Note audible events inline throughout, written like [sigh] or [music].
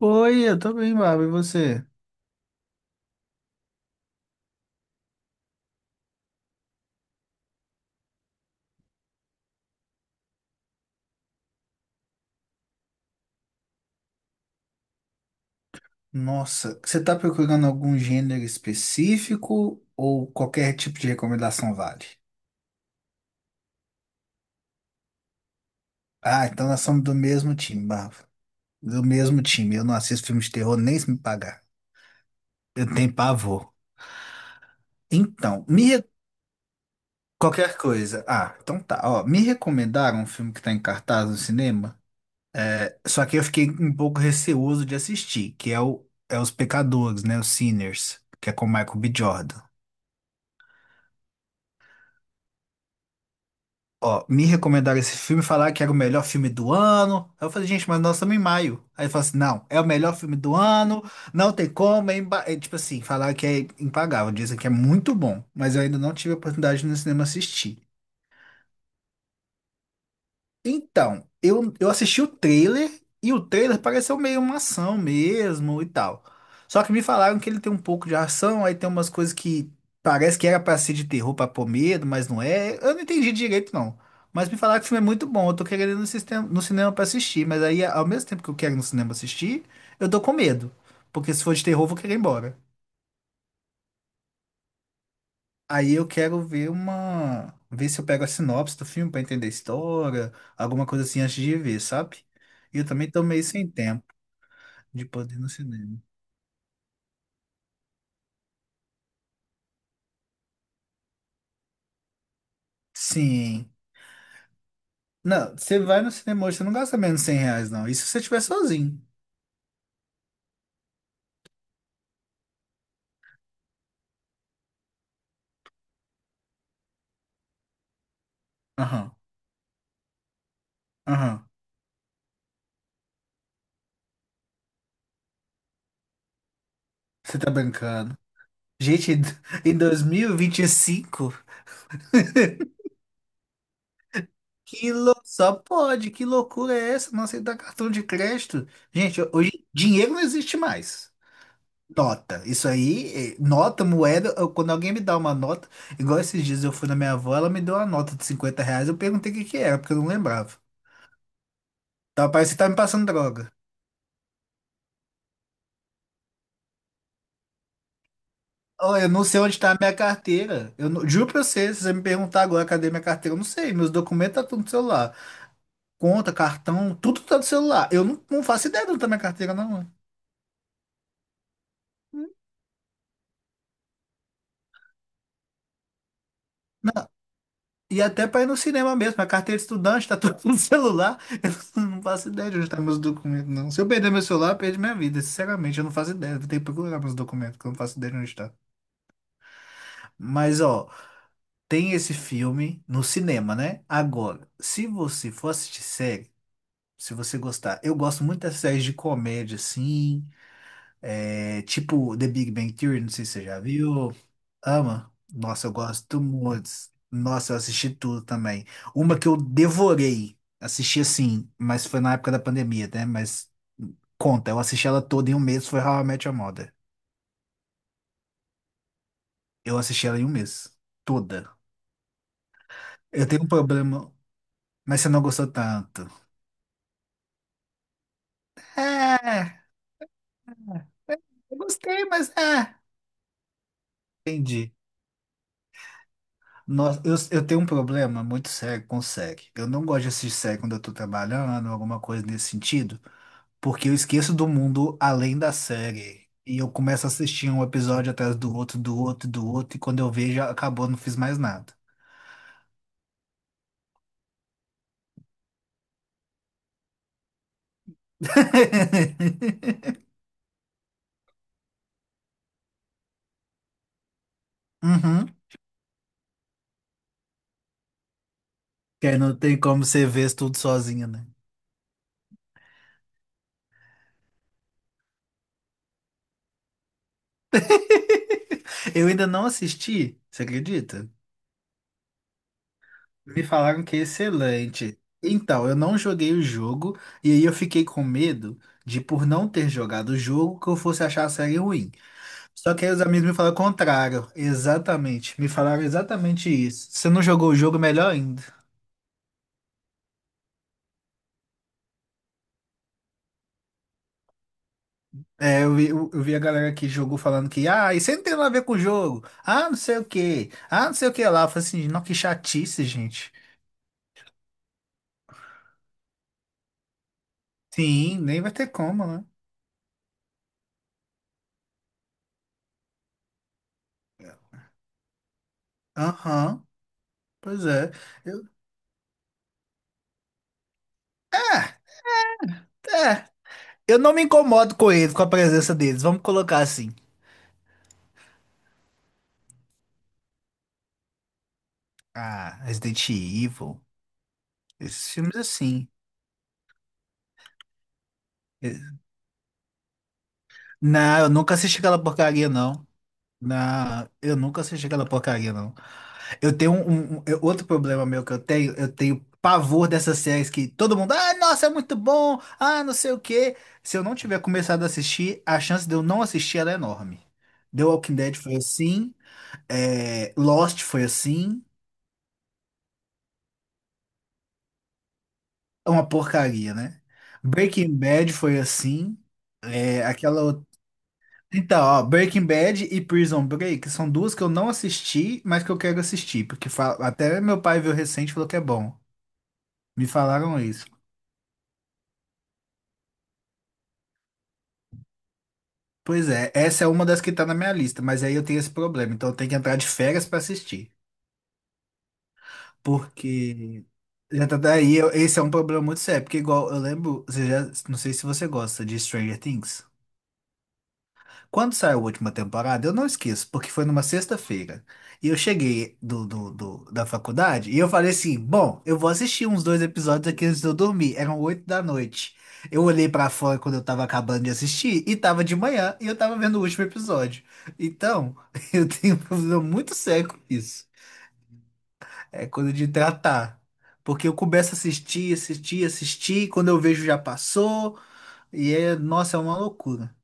Oi, eu tô bem, Bárbara. E você? Nossa, você tá procurando algum gênero específico ou qualquer tipo de recomendação vale? Ah, então nós somos do mesmo time, Bárbara. Do mesmo time. Eu não assisto filme de terror nem se me pagar. Eu tenho pavor. Então, qualquer coisa. Ah, então tá. Ó, me recomendaram um filme que tá em cartaz no cinema, só que eu fiquei um pouco receoso de assistir, que é o é Os Pecadores, né? Os Sinners, que é com o Michael B. Jordan. Ó, me recomendaram esse filme, falaram que era o melhor filme do ano. Aí eu falei, gente, mas nós estamos em maio. Aí ele falou assim, não, é o melhor filme do ano, não tem como, é, é, tipo assim, falaram que é impagável, dizem que é muito bom, mas eu ainda não tive a oportunidade de ir no cinema assistir. Então, eu assisti o trailer e o trailer pareceu meio uma ação mesmo e tal. Só que me falaram que ele tem um pouco de ação, aí tem umas coisas que parece que era pra ser de terror pra pôr medo, mas não é. Eu não entendi direito, não. Mas me falaram que o filme é muito bom, eu tô querendo ir no cinema pra assistir, mas aí ao mesmo tempo que eu quero ir no cinema assistir, eu tô com medo. Porque se for de terror, eu vou querer ir embora. Aí eu quero ver uma. Ver se eu pego a sinopse do filme pra entender a história, alguma coisa assim antes de ver, sabe? E eu também tô meio sem tempo de poder ir no cinema. Sim. Não, você vai no cinema hoje, você não gasta menos de R$ 100, não. Isso se você estiver sozinho. Aham, aham. Você tá brincando. Gente, em [laughs] em dois mil e vinte e cinco, só pode. Que loucura é essa? Não aceitar cartão de crédito. Gente, hoje dinheiro não existe mais. Nota. Isso aí, nota, moeda. Quando alguém me dá uma nota, igual esses dias eu fui na minha avó, ela me deu uma nota de R$ 50. Eu perguntei o que que era, porque eu não lembrava. Tá, parece que tá me passando droga. Ó, eu não sei onde tá a minha carteira. Eu não- juro pra você, se você me perguntar agora cadê minha carteira, eu não sei. Meus documentos tá tudo no celular. Conta, cartão, tudo tá no celular. Eu não faço ideia de onde tá minha carteira, não. E até para ir no cinema mesmo, a carteira de estudante tá [laughs] tudo no celular. Eu não faço ideia de onde estão meus documentos, não. Se eu perder meu celular, eu perdi minha vida. Sinceramente, eu não faço ideia. Eu vou ter que procurar meus documentos, que eu não faço ideia de onde está. Mas, ó, tem esse filme no cinema, né? Agora, se você for assistir série, se você gostar, eu gosto muito das séries de comédia, assim, é, tipo The Big Bang Theory, não sei se você já viu. Ama? Nossa, eu gosto muito. Nossa, eu assisti tudo também. Uma que eu devorei, assisti assim, mas foi na época da pandemia, né? Mas conta, eu assisti ela toda em um mês, foi How I Met Your Mother. Eu assisti ela em um mês, toda. Eu tenho um problema, mas você não gostou tanto. É, eu gostei, mas é. Entendi. Nossa, eu tenho um problema muito sério com série. Eu não gosto de assistir série quando eu tô trabalhando, alguma coisa nesse sentido. Porque eu esqueço do mundo além da série. E eu começo a assistir um episódio atrás do outro, do outro, do outro, e quando eu vejo, acabou, não fiz mais nada. [laughs] Uhum. Que aí não tem como você ver isso tudo sozinho, né? [laughs] Eu ainda não assisti, você acredita? Me falaram que é excelente. Então, eu não joguei o jogo, e aí eu fiquei com medo de, por não ter jogado o jogo, que eu fosse achar a série ruim. Só que aí os amigos me falaram o contrário. Exatamente. Me falaram exatamente isso. Você não jogou o jogo, melhor ainda. É, eu vi a galera que jogou falando que, ah, isso aí não tem nada a ver com o jogo. Ah, não sei o quê. Ah, não sei o que lá. Eu falei assim, não, que chatice, gente. Sim, nem vai ter como, né? Aham, pois é. Eu, é, é. Eu não me incomodo com eles, com a presença deles. Vamos colocar assim. Ah, Resident Evil. Esses filmes assim. Não, eu nunca assisti aquela porcaria, não. Eu nunca assisti aquela porcaria, não. Eu tenho outro problema meu que eu tenho, pavor dessas séries que todo mundo, ah, nossa, é muito bom, ah, não sei o quê. Se eu não tiver começado a assistir, a chance de eu não assistir ela é enorme. The Walking Dead foi assim, é, Lost foi assim, é uma porcaria, né? Breaking Bad foi assim, é, aquela outra. Então, ó, Breaking Bad e Prison Break são duas que eu não assisti, mas que eu quero assistir, porque até meu pai viu recente e falou que é bom. Me falaram isso. Pois é, essa é uma das que tá na minha lista, mas aí eu tenho esse problema, então eu tenho que entrar de férias pra assistir. Porque já tá daí, esse é um problema muito sério, porque igual eu lembro, não sei se você gosta de Stranger Things. Quando saiu a última temporada, eu não esqueço, porque foi numa sexta-feira. E eu cheguei da faculdade e eu falei assim: bom, eu vou assistir uns dois episódios aqui antes de eu dormir. Eram 8 da noite. Eu olhei pra fora quando eu tava acabando de assistir e tava de manhã e eu tava vendo o último episódio. Então, [laughs] eu tenho um problema muito sério com isso. É coisa de tratar. Porque eu começo a assistir, assistir, assistir, quando eu vejo já passou. E é, nossa, é uma loucura.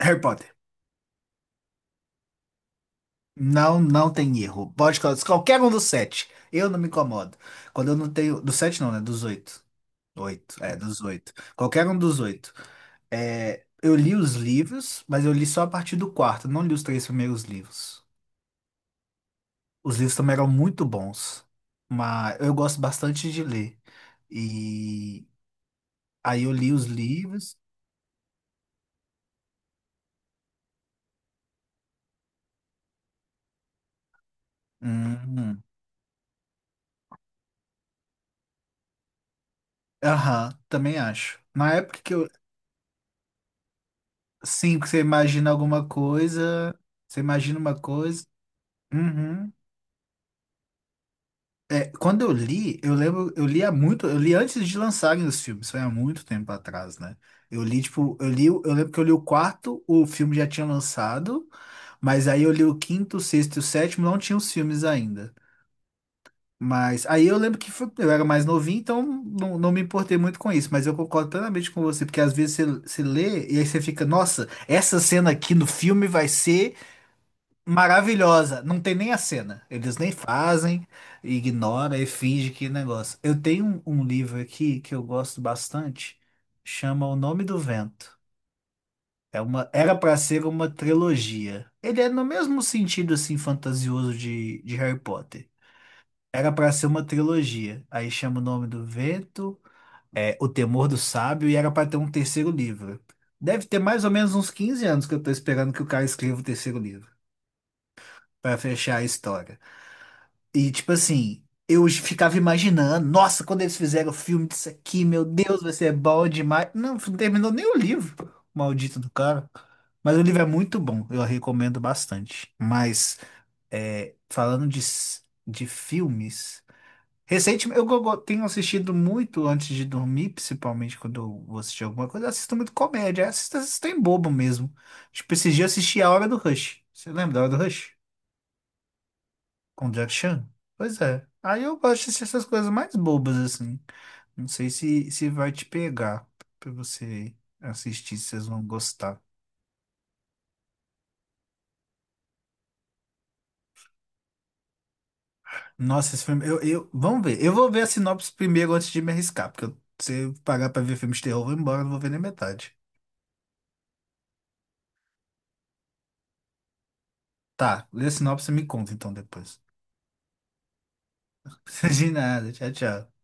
Harry Potter. Não, não tem erro. Pode colocar qualquer um dos sete. Eu não me incomodo. Quando eu não tenho. Dos sete não, né? Dos oito. Oito. É, dos oito. Qualquer um dos oito. É, eu li os livros, mas eu li só a partir do quarto. Não li os três primeiros livros. Os livros também eram muito bons. Mas eu gosto bastante de ler. E aí eu li os livros. Hum, Aham, também acho. Na época que eu. Sim, que você imagina alguma coisa. Você imagina uma coisa. Uhum. É, quando eu li, eu lembro, eu li há muito, eu li antes de lançarem os filmes, foi há muito tempo atrás, né? Eu li, tipo, eu li, eu lembro que eu li o quarto, o filme já tinha lançado, mas aí eu li o quinto, o sexto e o sétimo, não tinha os filmes ainda. Mas aí eu lembro que eu era mais novinho, então não, não me importei muito com isso, mas eu concordo plenamente com você, porque às vezes você lê e aí você fica, nossa, essa cena aqui no filme vai ser maravilhosa. Não tem nem a cena. Eles nem fazem, ignora e finge que negócio. Eu tenho um livro aqui que eu gosto bastante, chama O Nome do Vento. Era para ser uma trilogia. Ele é no mesmo sentido assim fantasioso de Harry Potter. Era para ser uma trilogia. Aí chama O Nome do Vento, é O Temor do Sábio e era para ter um terceiro livro. Deve ter mais ou menos uns 15 anos que eu tô esperando que o cara escreva o terceiro livro para fechar a história. E tipo assim, eu ficava imaginando, nossa, quando eles fizeram o filme disso aqui, meu Deus, vai ser bom demais. Não, não terminou nem o livro, maldito do cara. Mas o livro é muito bom, eu recomendo bastante. Mas é, falando de filmes, recentemente eu tenho assistido muito antes de dormir, principalmente quando eu vou assistir alguma coisa, eu assisto muito comédia, eu assisto em bobo mesmo. Tipo, esses dias eu assisti A Hora do Rush. Você lembra da Hora do Rush? Conjunction? Pois é. Aí eu gosto de assistir essas coisas mais bobas, assim. Não sei se vai te pegar pra você assistir, se vocês vão gostar. Nossa, esse filme. Vamos ver. Eu vou ver a sinopse primeiro antes de me arriscar, porque se eu pagar pra ver filme de terror, eu vou embora, não vou ver nem metade. Tá, lê a sinopse e me conta então depois. [laughs] De nada, tchau, tchau.